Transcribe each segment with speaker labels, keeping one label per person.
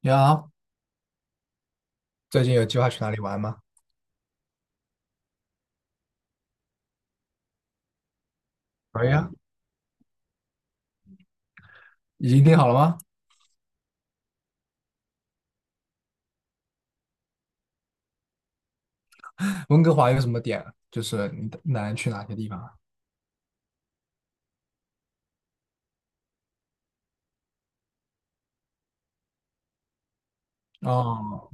Speaker 1: 你好，最近有计划去哪里玩吗？可以啊，已经定好了吗？温哥华有什么点？就是你打算去哪些地方啊？哦，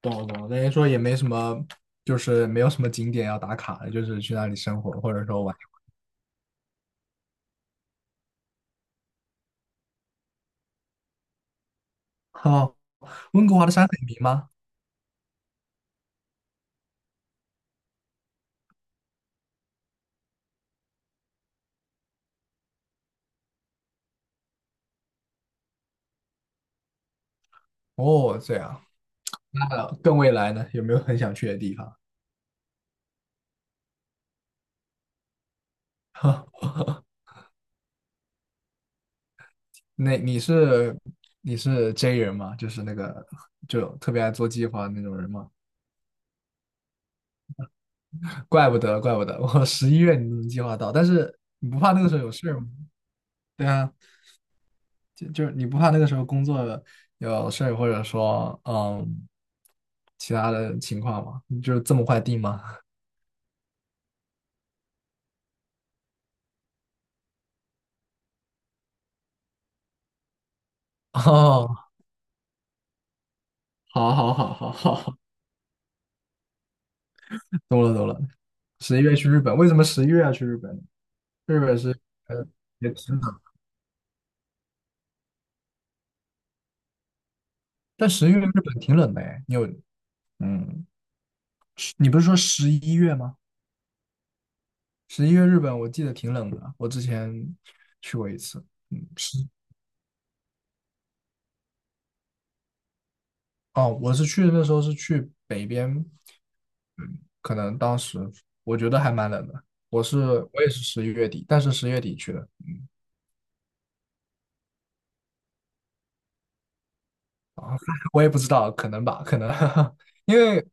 Speaker 1: 懂了懂了，等于说也没什么，就是没有什么景点要打卡的，就是去那里生活或者说玩。哦，温哥华的山很平吗？哦，这样，那更未来呢？有没有很想去的地方？那你是J 人吗？就是那个就特别爱做计划的那种人吗？怪不得，怪不得，我十一月你都能计划到，但是你不怕那个时候有事儿吗？对啊，就是你不怕那个时候工作有事儿，或者说其他的情况吗？你就这么快定吗？哦，好好好好好，懂了懂了。十一月去日本，为什么十一月要去日本呢？日本是呃也挺冷，但十一月日本挺冷的哎，你有嗯，是你不是说十一月吗？十一月日本我记得挺冷的，我之前去过一次。哦，我是去那时候是去北边，嗯，可能当时我觉得还蛮冷的。我是我也是11月底，但是10月底去的，我也不知道，可能吧，可能，因为，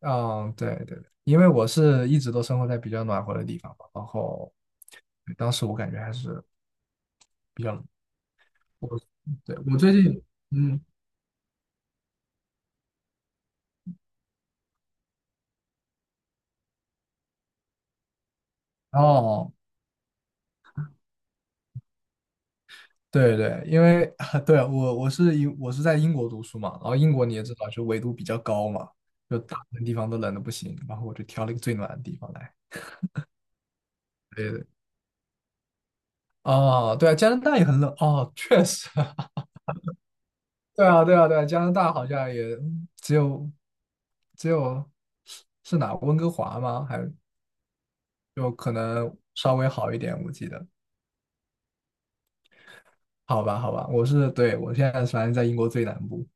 Speaker 1: 嗯，对对对，因为我是一直都生活在比较暖和的地方嘛，然后当时我感觉还是比较冷，我，对，我最近，嗯，哦，对对，因为 对啊我是在英国读书嘛，然后英国你也知道，就纬度比较高嘛，就大部分地方都冷的不行，然后我就挑了一个最暖的地方来。对对，哦，对啊，加拿大也很冷哦，确实，对啊对啊对啊，加拿大好像也只有只有是是哪温哥华吗？还就可能稍微好一点，我记得。好吧，好吧，对，我现在反正在英国最南部，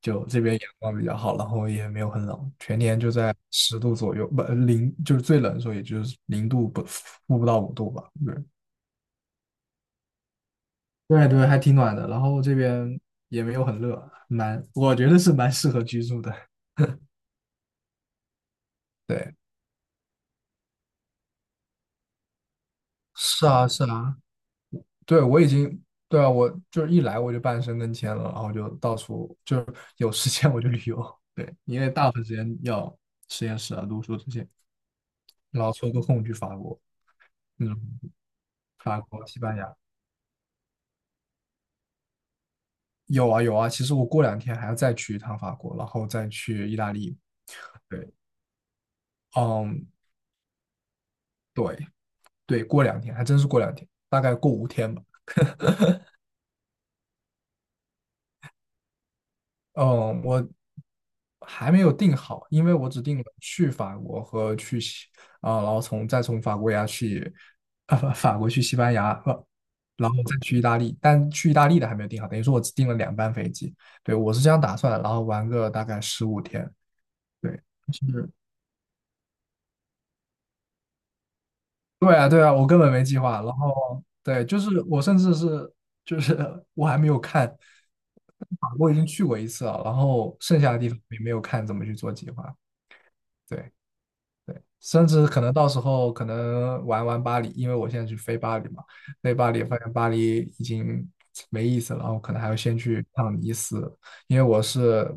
Speaker 1: 就这边阳光比较好，然后也没有很冷，全年就在10度左右，不，零，就是最冷的时候也就是零度不，负不到5度吧。对，对对，还挺暖的，然后这边也没有很热，我觉得是蛮适合居住的。对，是啊，是啊，对，我已经，对啊，我就是一来我就半身跟签了，然后就到处有时间我就旅游，对，因为大部分时间要实验室啊、读书这些。然后抽个空去法国，嗯，法国、西班牙，有啊有啊。其实我过两天还要再去一趟法国，然后再去意大利。对，嗯，对对，过两天还真是过两天，大概过五天吧。嗯，我还没有定好，因为我只定了去法国和去西啊、然后再从法国呀法国去西班牙，然后再去意大利。但去意大利的还没有定好，等于说我只定了2班飞机。对，我是这样打算的，然后玩个大概15天。对，就是对啊，对啊，我根本没计划。然后对，就是我甚至是就是我还没有看，法国已经去过一次了，然后剩下的地方也没有看怎么去做计划。对对，甚至可能到时候可能玩玩巴黎，因为我现在去飞巴黎嘛，飞巴黎发现巴黎已经没意思了，然后可能还要先去趟尼斯，因为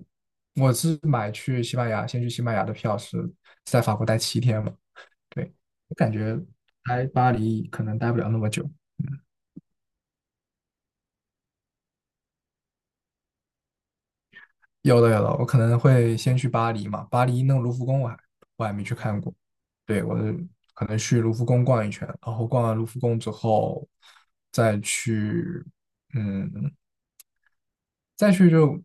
Speaker 1: 我是买去西班牙，先去西班牙的票是在法国待7天嘛。对，我感觉来巴黎可能待不了那么久。嗯，有的有的，我可能会先去巴黎嘛。巴黎那个卢浮宫我还没去看过。对，我可能去卢浮宫逛一圈，然后逛完卢浮宫之后，再去，嗯，再去就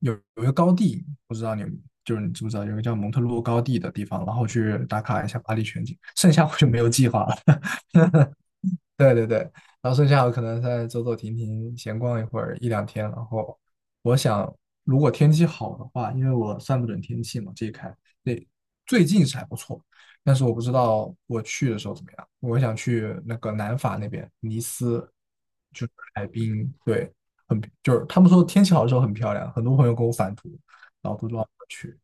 Speaker 1: 有一个高地，不知道你就是你知不知道有个叫蒙特洛高地的地方，然后去打卡一下巴黎全景。剩下我就没有计划了。对对对，然后剩下我可能再走走停停，闲逛一会儿一两天。然后我想，如果天气好的话，因为我算不准天气嘛，这一看，对，最近是还不错，但是我不知道我去的时候怎么样。我想去那个南法那边，尼斯，就是海滨，对，就是他们说天气好的时候很漂亮，很多朋友给我返图，然后都说要去。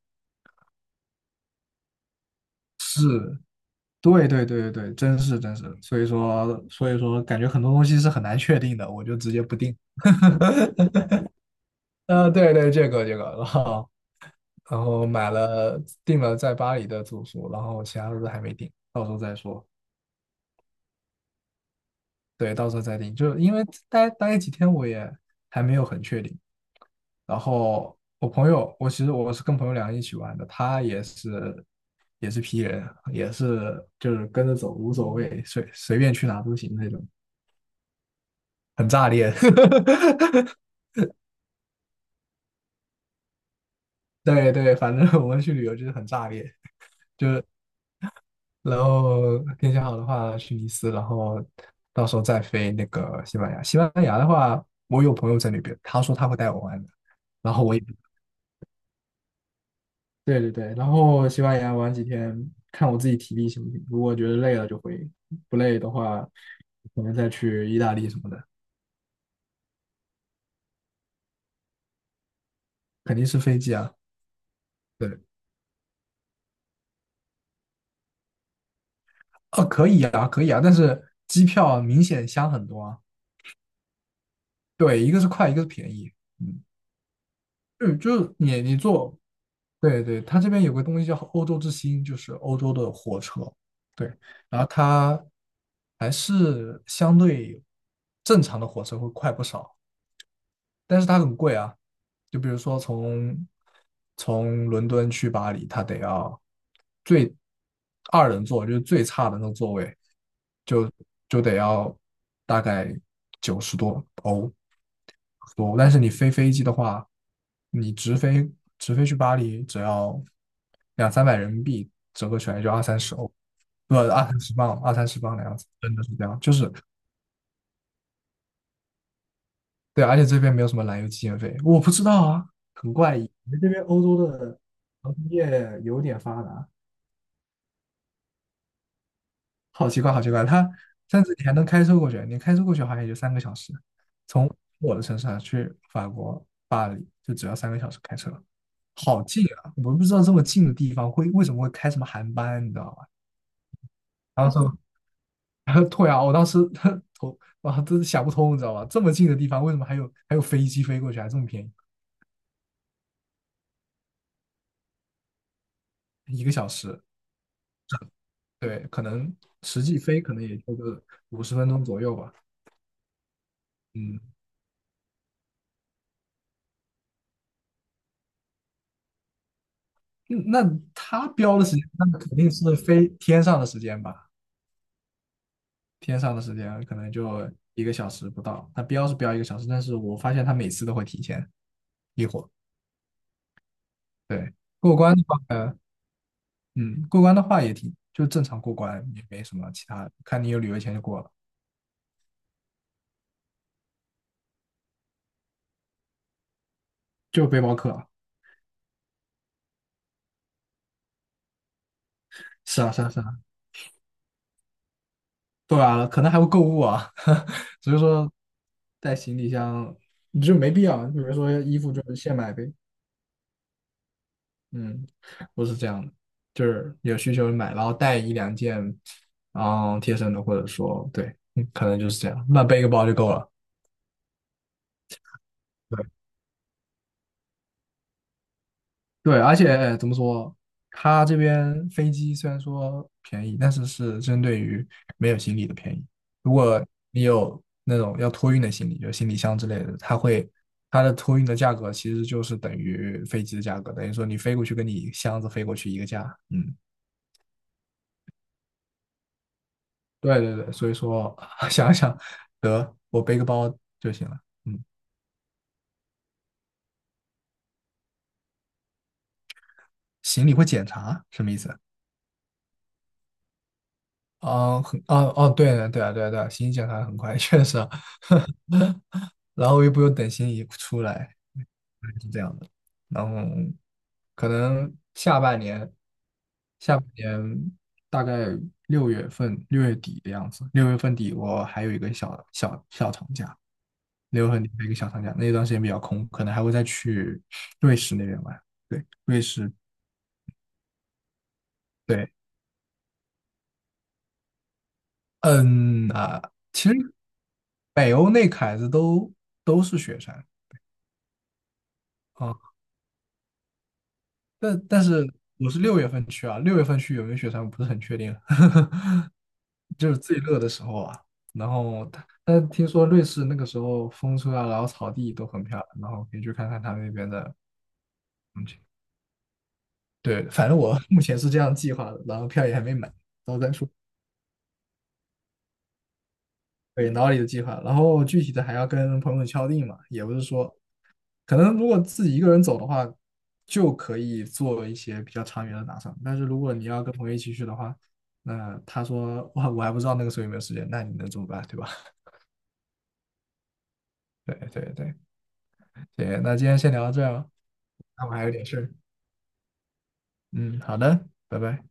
Speaker 1: 对对对对对，真是真是，所以说感觉很多东西是很难确定的，我就直接不定。对对，然后然后买了订了在巴黎的住宿，然后其他的都还没定，到时候再说。对，到时候再定，就是因为待几天我也还没有很确定。然后我朋友，我其实我是跟朋友2个人一起玩的，他也是也是 P 人，就是跟着走无所谓，随便去哪都行那种，很炸裂。对对，反正我们去旅游就是很炸裂。然后天气好的话去尼斯，然后到时候再飞那个西班牙。西班牙的话，我有朋友在那边，他说他会带我玩的，然后我也对对对，然后西班牙玩几天，看我自己体力行不行。如果觉得累了就回，不累的话，可能再去意大利什么的。肯定是飞机啊，对，哦，可以啊，可以啊，但是机票明显香很多啊。对，一个是快，一个是便宜。嗯。嗯，就是你你坐，对对，它这边有个东西叫欧洲之星，就是欧洲的火车，对，然后它还是相对正常的火车会快不少，但是它很贵啊，就比如说从伦敦去巴黎，它得要最二人座，就是最差的那个座位，就得要大概90多欧多，但是你飞机的话，你直飞直飞去巴黎只要两三百人民币，折合起来就二三十欧，不，二三十磅，二三十磅的样子，真的是这样，对，而且这边没有什么燃油机建费，我不知道啊，很怪异，你们这边欧洲的航空业有点发达。好奇怪，好奇怪，甚至你还能开车过去，你开车过去好像也就三个小时，从我的城市啊去法国巴黎就只要三个小时开车，好近啊！我不知道这么近的地方会为什么会开什么航班，你知道吧？然后说，然后对啊，我当时 他头啊都想不通，你知道吧？这么近的地方为什么还有飞机飞过去啊，还这么便宜，一个小时？对，可能实际飞可能也就个50分钟左右吧，嗯嗯那他标的时间，那肯定是飞天上的时间吧？天上的时间可能就一个小时不到，它标是标一个小时，但是我发现它每次都会提前一会儿。对，过关的话，呃嗯，过关的话也挺正常过关，也没什么其他，看你有旅游钱就过了，就背包客。是啊，是啊，是啊，对啊，可能还会购物啊，所以说带行李箱你就没必要，比如说衣服就现买呗，嗯，不是这样的，就是有需求买，然后带一两件，嗯，贴身的，或者说对，嗯可能就是这样，那背一个包就够了。对对，而且怎么说，它这边飞机虽然说便宜，但是是针对于没有行李的便宜。如果你有那种要托运的行李，就是行李箱之类的，它的托运的价格其实就是等于飞机的价格，等于说你飞过去跟你箱子飞过去一个价。嗯，对对对，所以说 想想，得我背个包就行了。嗯，行李会检查什么意思？啊，哦哦，对的，对啊，对啊，对啊，行李检查很快，确实啊，然后又不用等行李出来，是这样的。然后可能下半年，下半年大概六月份、6月底的样子，6月份底我还有一个小小小长假，留月厉的一个小长假，那段时间比较空，可能还会再去瑞士那边玩。对，瑞士，对，嗯啊，其实北欧那凯子都都是雪山啊，但是我是六月份去啊，六月份去有没有雪山我不是很确定，就是最热的时候啊。然后他，但听说瑞士那个时候风车啊，然后草地都很漂亮，然后可以去看看他们那边的风景。对，反正我目前是这样计划的，然后票也还没买，到时候再说。对，脑里的计划，然后具体的还要跟朋友敲定嘛，也不是说，可能如果自己一个人走的话，就可以做一些比较长远的打算，但是如果你要跟朋友一起去的话，那他说哇，我还不知道那个时候有没有时间，那你能怎么办，对吧？对对对，行，那今天先聊到这儿吧，那我还有点事儿，嗯，好的，拜拜。